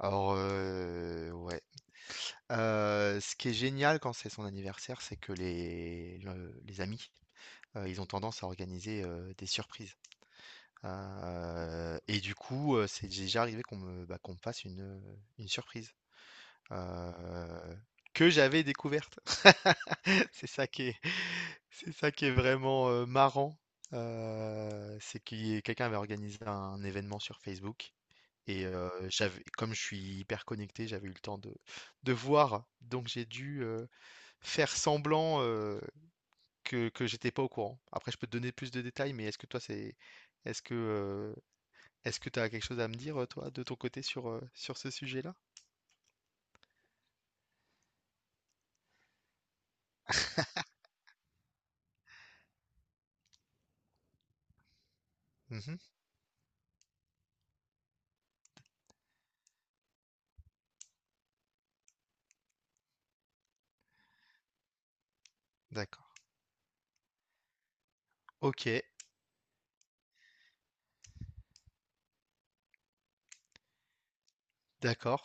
Alors, ouais. Ce qui est génial quand c'est son anniversaire, c'est que les amis, ils ont tendance à organiser, des surprises. Hein. Et du coup, c'est déjà arrivé qu'on me fasse une surprise, heu, que j'avais découverte. C'est ça qui est c'est ça qui est vraiment, marrant, c'est qui quelqu'un avait organisé un événement sur Facebook et j'avais comme je suis hyper connecté, j'avais eu le temps de voir, donc j'ai dû, faire semblant, que j'étais pas au courant. Après je peux te donner plus de détails, mais est-ce que, heu, est-ce que tu as quelque chose à me dire, toi, de ton côté sur, sur ce sujet-là? Mmh. D'accord. OK. D'accord.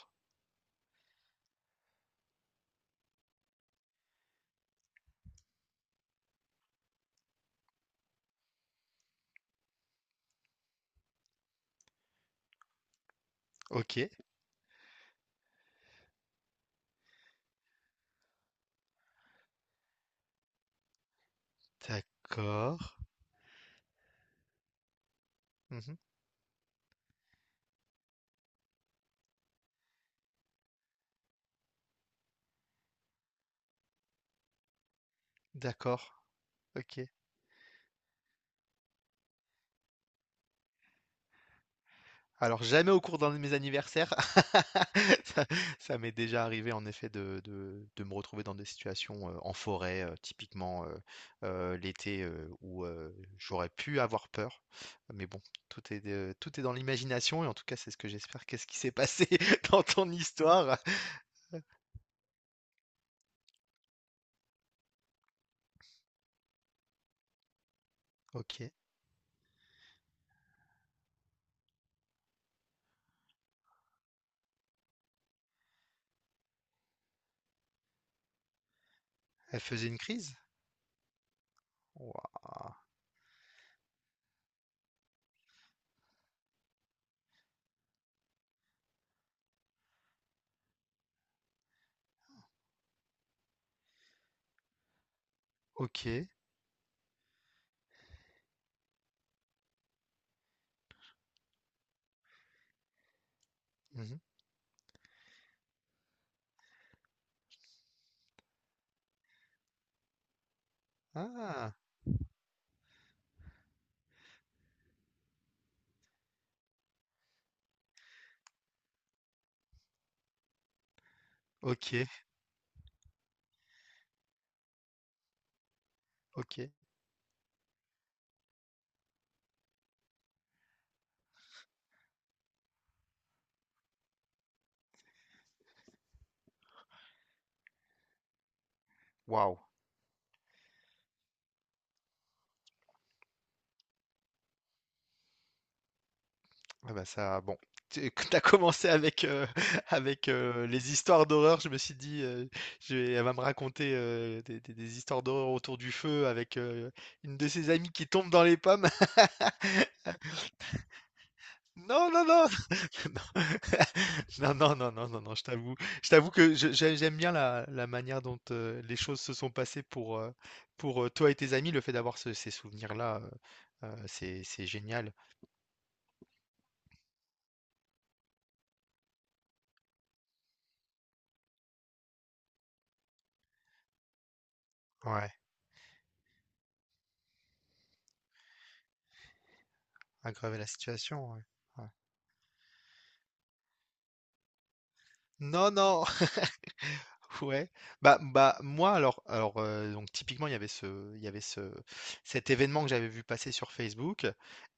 OK. D'accord. Mmh. D'accord. OK. Alors jamais au cours d'un de mes anniversaires. Ça Ça m'est déjà arrivé en effet de de me retrouver dans des situations, en forêt, typiquement, l'été, où, j'aurais pu avoir peur. Mais bon, tout est dans l'imagination et en tout cas, c'est ce que j'espère. Qu'est-ce qui s'est passé dans ton histoire? OK. Elle faisait une crise? Waouh! OK. Mmh. Ah! OK, OK. Waouh! Ah bah ça, bon, tu as commencé avec, avec, les histoires d'horreur. Je me suis dit, je vais elle va me raconter, des histoires d'horreur autour du feu avec, une de ses amies qui tombe dans les pommes. Non, non, non, non, non, non, non, non, non, non, je t'avoue que je j'ai j'aime bien la manière dont, les choses se sont passées pour, toi et tes amis. Le fait d'avoir ce ces souvenirs-là, c'est génial. Ouais, aggraver la situation, ouais, ouais. Non, non! Ouais, bah bah moi alors donc typiquement il y avait ce cet événement que j'avais vu passer sur Facebook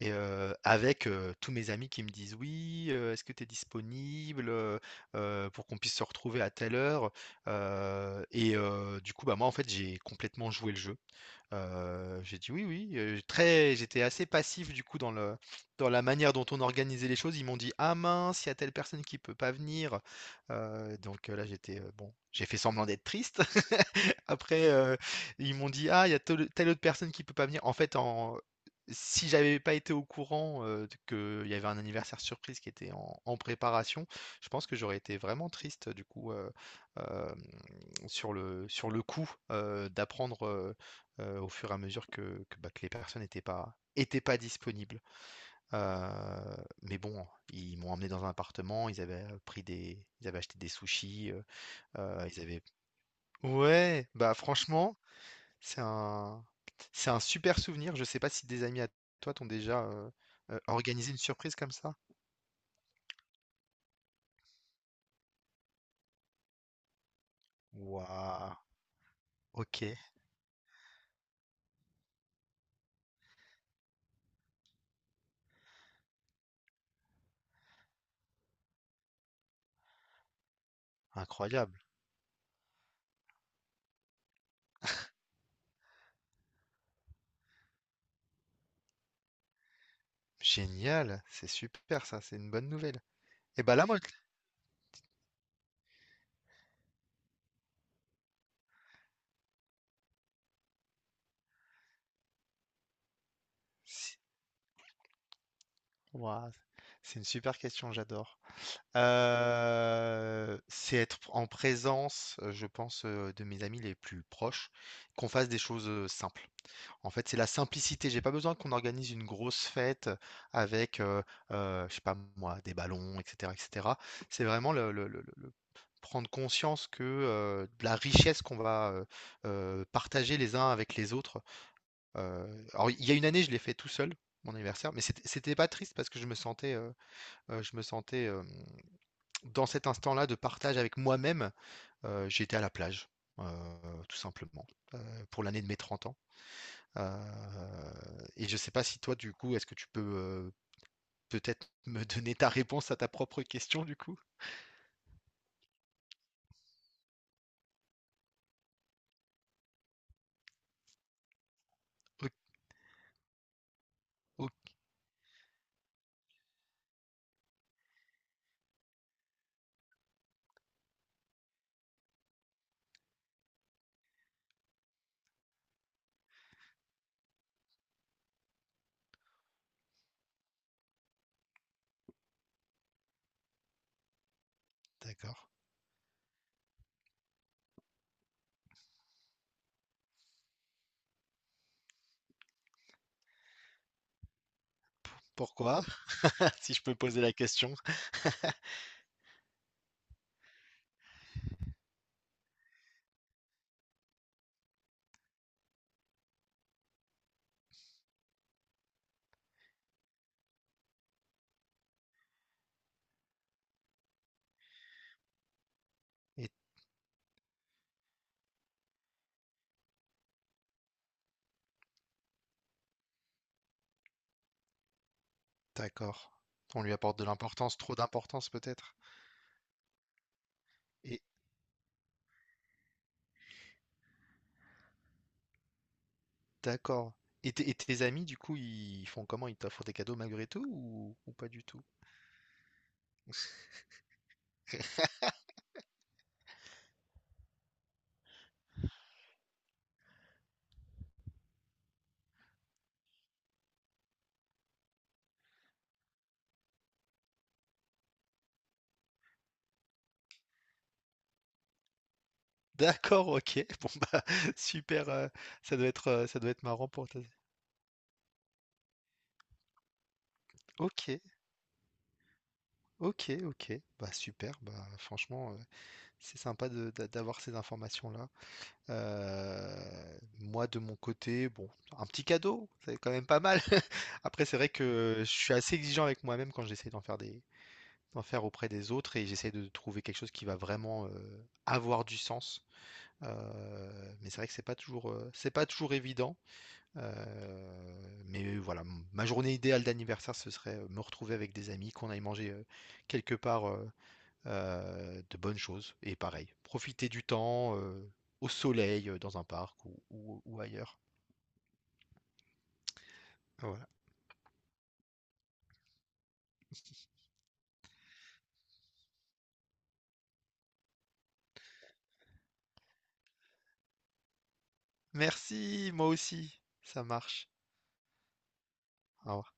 et avec tous mes amis qui me disent oui est-ce que tu es disponible pour qu'on puisse se retrouver à telle heure. Et du coup bah moi en fait j'ai complètement joué le jeu. J'ai dit: «Oui, oui», très j'étais assez passif du coup dans le dans la manière dont on organisait les choses. Ils m'ont dit: «Ah mince, il y a telle personne qui peut pas venir», donc, là j'étais, bon, j'ai fait semblant d'être triste. Après, ils m'ont dit: «Ah, il y a telle autre personne qui peut pas venir». En fait, en Si j'avais pas été au courant, d qu'il y avait un anniversaire surprise qui était en préparation, je pense que j'aurais été vraiment triste, du coup, hem, sur le coup, d'apprendre, au fur et à mesure que les personnes n'étaient pas étaient pas disponibles. Heu, mais bon, ils m'ont emmené dans un appartement, ils avaient acheté des sushis, ils avaient ouais, bah, franchement c'est un, c'est un super souvenir. Je sais pas si des amis à toi t'ont déjà organisé une surprise comme ça. Waouh, OK, incroyable, génial, c'est super ça, c'est une bonne nouvelle. Et bah là, moi, si- Waouh, c'est une super question, j'adore. C'est être en présence, je pense, de mes amis les plus proches, qu'on fasse des choses simples. En fait, c'est la simplicité. J'ai pas besoin qu'on organise une grosse fête avec, je sais pas moi, des ballons, etc., etc. C'est vraiment prendre conscience que de la richesse qu'on va partager les uns avec les autres. Alors, il y a une année, je l'ai fait tout seul, mon anniversaire, mais c'était pas triste parce que je me sentais dans cet instant-là de partage avec moi-même. J'étais à la plage, tout simplement, pour l'année de mes 30 ans. Et je sais pas si toi, du coup, est-ce que tu peux peut-être me donner ta réponse à ta propre question, du coup? OK, OK, d'accord. Pourquoi? Si je peux poser la question. Et d'accord. On lui apporte de l'importance, trop d'importance peut-être. Et d'accord. Et, tes amis, du coup, ils font comment? Ils t'offrent des cadeaux malgré tout ou pas du tout? D'accord, OK. Bon bah super. Ça doit être marrant pour ta... OK, OK, OK. Bah super. Bah franchement, c'est sympa d'avoir ces informations-là. Moi, de mon côté, bon, un petit cadeau, c'est quand même pas mal. Après, c'est vrai que je suis assez exigeant avec moi-même quand j'essaie d'en faire des, d'en faire auprès des autres et j'essaie de trouver quelque chose qui va vraiment avoir du sens. Mais c'est vrai que c'est pas toujours évident. Mais voilà, ma journée idéale d'anniversaire, ce serait me retrouver avec des amis, qu'on aille manger quelque part. De bonnes choses et pareil, profiter du temps, au soleil, dans un parc ou ailleurs. Voilà. Merci, moi aussi, ça marche. Au revoir.